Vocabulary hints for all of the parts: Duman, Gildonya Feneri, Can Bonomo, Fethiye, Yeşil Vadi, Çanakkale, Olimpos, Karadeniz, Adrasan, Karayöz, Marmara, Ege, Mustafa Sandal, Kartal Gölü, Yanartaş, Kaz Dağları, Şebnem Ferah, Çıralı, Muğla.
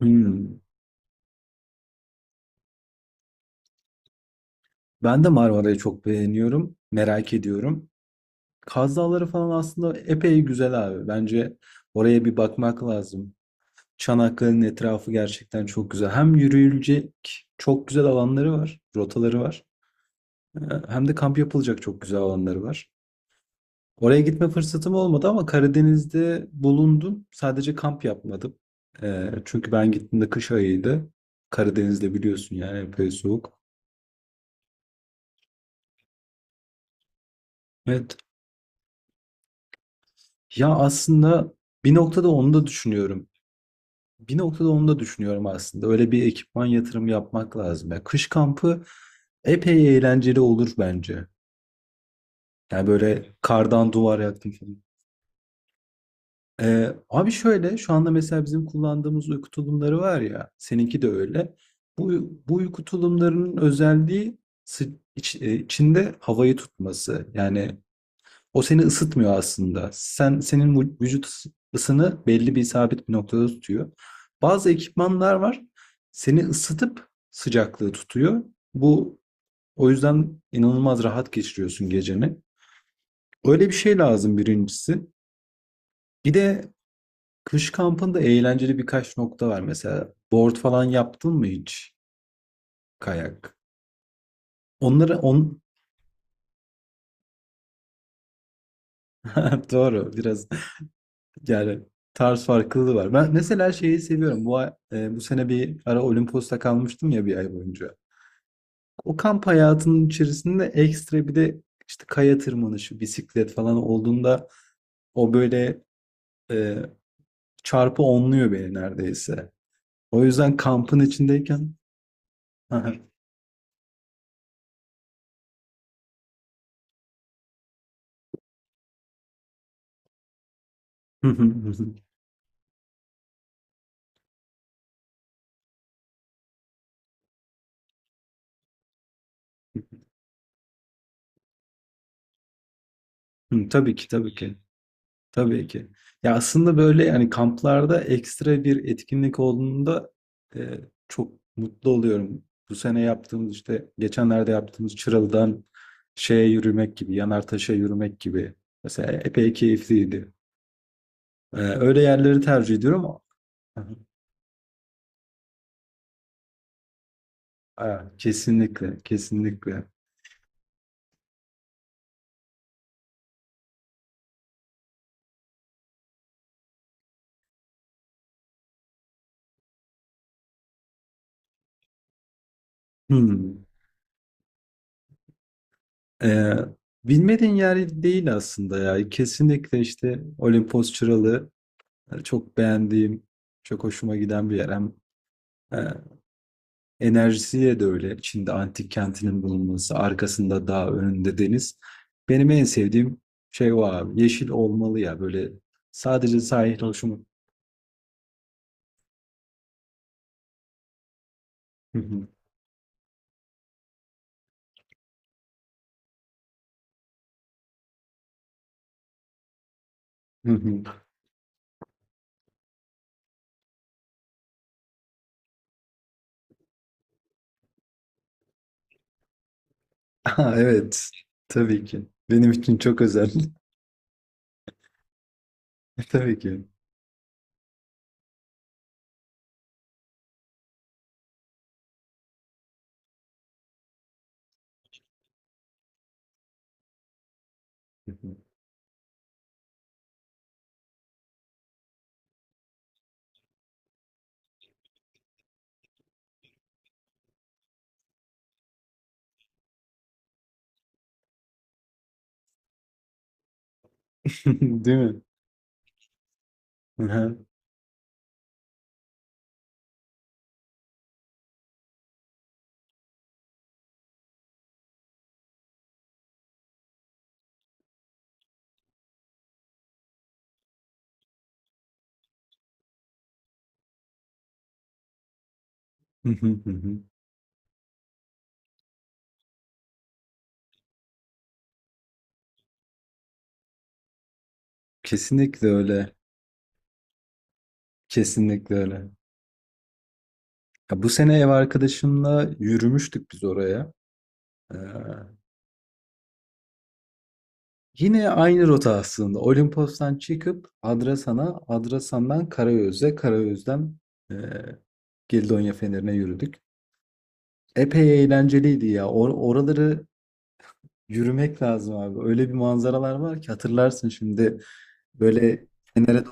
Hımm. Ben de Marmara'yı çok beğeniyorum, merak ediyorum. Kaz Dağları falan aslında epey güzel abi. Bence oraya bir bakmak lazım. Çanakkale'nin etrafı gerçekten çok güzel. Hem yürüyülecek çok güzel alanları var, rotaları var. Ee, Hem de kamp yapılacak çok güzel alanları var. Oraya gitme fırsatım olmadı ama Karadeniz'de bulundum. Sadece kamp yapmadım. Çünkü ben gittiğimde kış ayıydı. Karadeniz'de biliyorsun yani epey soğuk. Evet. Ya aslında bir noktada onu da düşünüyorum. Bir noktada onu da düşünüyorum aslında. Öyle bir ekipman yatırımı yapmak lazım. Ya kış kampı epey eğlenceli olur bence. Yani böyle kardan duvar yaktım falan. Abi şöyle şu anda mesela bizim kullandığımız uyku tulumları var ya, seninki de öyle. Bu, bu uyku tulumlarının özelliği sı- içinde havayı tutması. Yani o seni ısıtmıyor aslında. Sen senin vücut ısını belli bir sabit bir noktada tutuyor. Bazı ekipmanlar var. Seni ısıtıp sıcaklığı tutuyor. Bu o yüzden inanılmaz rahat geçiriyorsun geceni. Öyle bir şey lazım birincisi. Bir de kış kampında eğlenceli birkaç nokta var. Mesela board falan yaptın mı hiç? Kayak. Onları on... Doğru, biraz yani tarz farklılığı var. Ben mesela şeyi seviyorum. Bu bu sene bir ara Olimpos'ta kalmıştım ya bir ay boyunca. O kamp hayatının içerisinde ekstra bir de işte kaya tırmanışı, bisiklet falan olduğunda o böyle, e, çarpı onluyor beni neredeyse. O yüzden kampın içindeyken hı hı. Hı hı hı, tabii ki, tabii ki. Tabii ki. Ya aslında böyle yani kamplarda ekstra bir etkinlik olduğunda, e, çok mutlu oluyorum. Bu sene yaptığımız, işte geçenlerde yaptığımız, Çıralı'dan şeye yürümek gibi, Yanartaş'a yürümek gibi. Mesela epey keyifliydi. E, öyle yerleri tercih ediyorum. Aa, kesinlikle, kesinlikle. Hmm. E, Bilmediğin yer değil aslında ya. Kesinlikle işte Olimpos Çıralı, çok beğendiğim, çok hoşuma giden bir yer. Hem, e, enerjisiyle de öyle. Çin'de antik kentinin bulunması, arkasında dağ, önünde deniz. Benim en sevdiğim şey o abi. Yeşil olmalı ya böyle, sadece sahil hoşuma. Hı hı, hı hı. Aa, evet. Tabii ki. Benim için çok özel. Tabii ki. Hı hı. Değil mi? Hı hı, hı hı, hı hı. Kesinlikle öyle. Kesinlikle öyle. Ya bu sene ev arkadaşımla yürümüştük biz oraya. Ee, Yine aynı rota aslında. Olimpos'tan çıkıp Adrasan'a, Adrasan'dan Karayöz'e, Karayüz'den eee Gildonya Feneri'ne yürüdük. Epey eğlenceliydi ya. Oraları yürümek lazım abi. Öyle bir manzaralar var ki, hatırlarsın şimdi böyle Fener'e.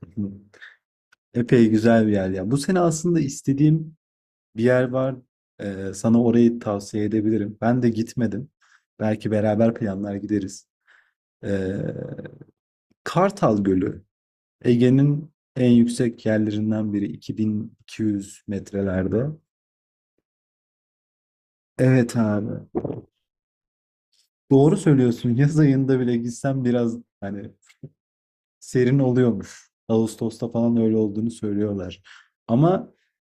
Epey güzel bir yer ya. Bu sene aslında istediğim bir yer var. Sana orayı tavsiye edebilirim. Ben de gitmedim. Belki beraber planlar gideriz. Ee, Kartal Gölü, Ege'nin en yüksek yerlerinden biri, 2200 metrelerde. Evet abi. Doğru söylüyorsun. Yaz ayında bile gitsem biraz hani serin oluyormuş. Ağustos'ta falan öyle olduğunu söylüyorlar. Ama,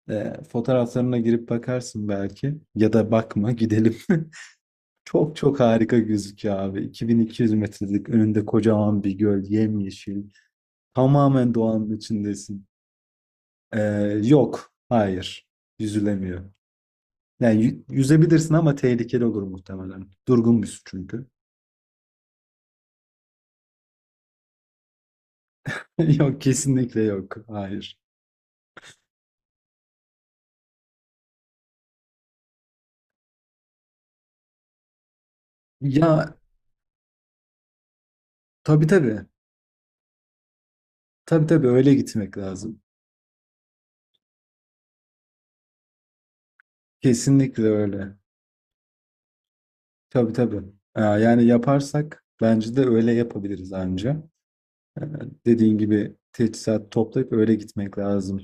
fotoğraflarına girip bakarsın belki ya da bakma, gidelim. Çok çok harika gözüküyor abi. 2200 metrelik önünde kocaman bir göl, yemyeşil. Tamamen doğanın içindesin. Yok. Hayır. Yüzülemiyor. Yani yüzebilirsin ama tehlikeli olur muhtemelen. Durgun bir su çünkü. Yok, kesinlikle yok. Hayır. Ya tabii tabii. Tabii tabii, öyle gitmek lazım. Kesinlikle öyle. Tabii tabii. Yani yaparsak bence de öyle yapabiliriz anca. Ee, dediğin gibi teçhizat toplayıp öyle gitmek lazım.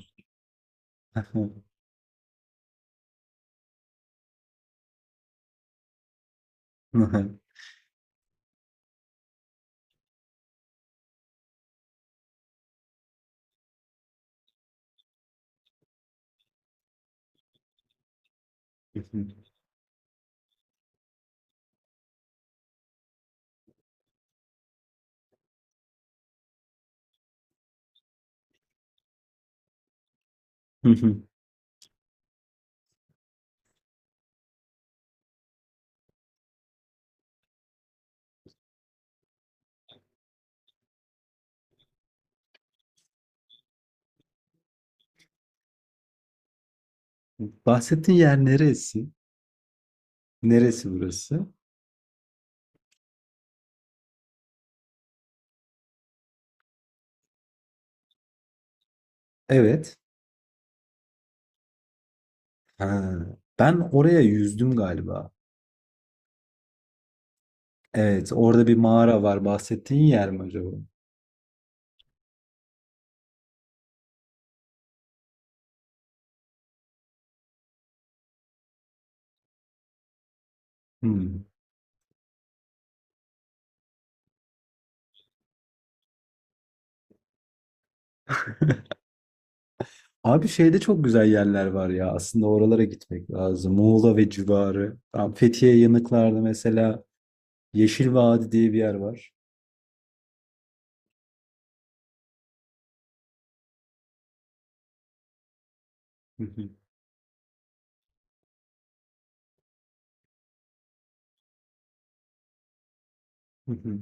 Bahsettiğin yer neresi? Neresi burası? Evet. Ha, ben oraya yüzdüm galiba. Evet, orada bir mağara var. Bahsettiğin yer mi acaba? Hmm. Abi şeyde çok güzel yerler var ya. Aslında oralara gitmek lazım. Muğla ve civarı. Tam Fethiye yanıklarda mesela Yeşil Vadi diye bir yer var. Hı hı, hı hı.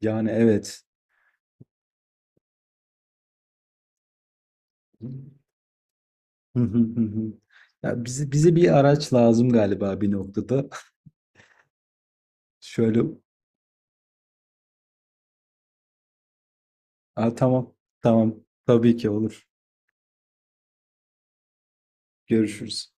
Yani evet. Hı hı, hı hı. Ya bize, bize bir araç lazım galiba bir noktada. Şöyle, aa, tamam, tamam. Tabii ki olur. Görüşürüz.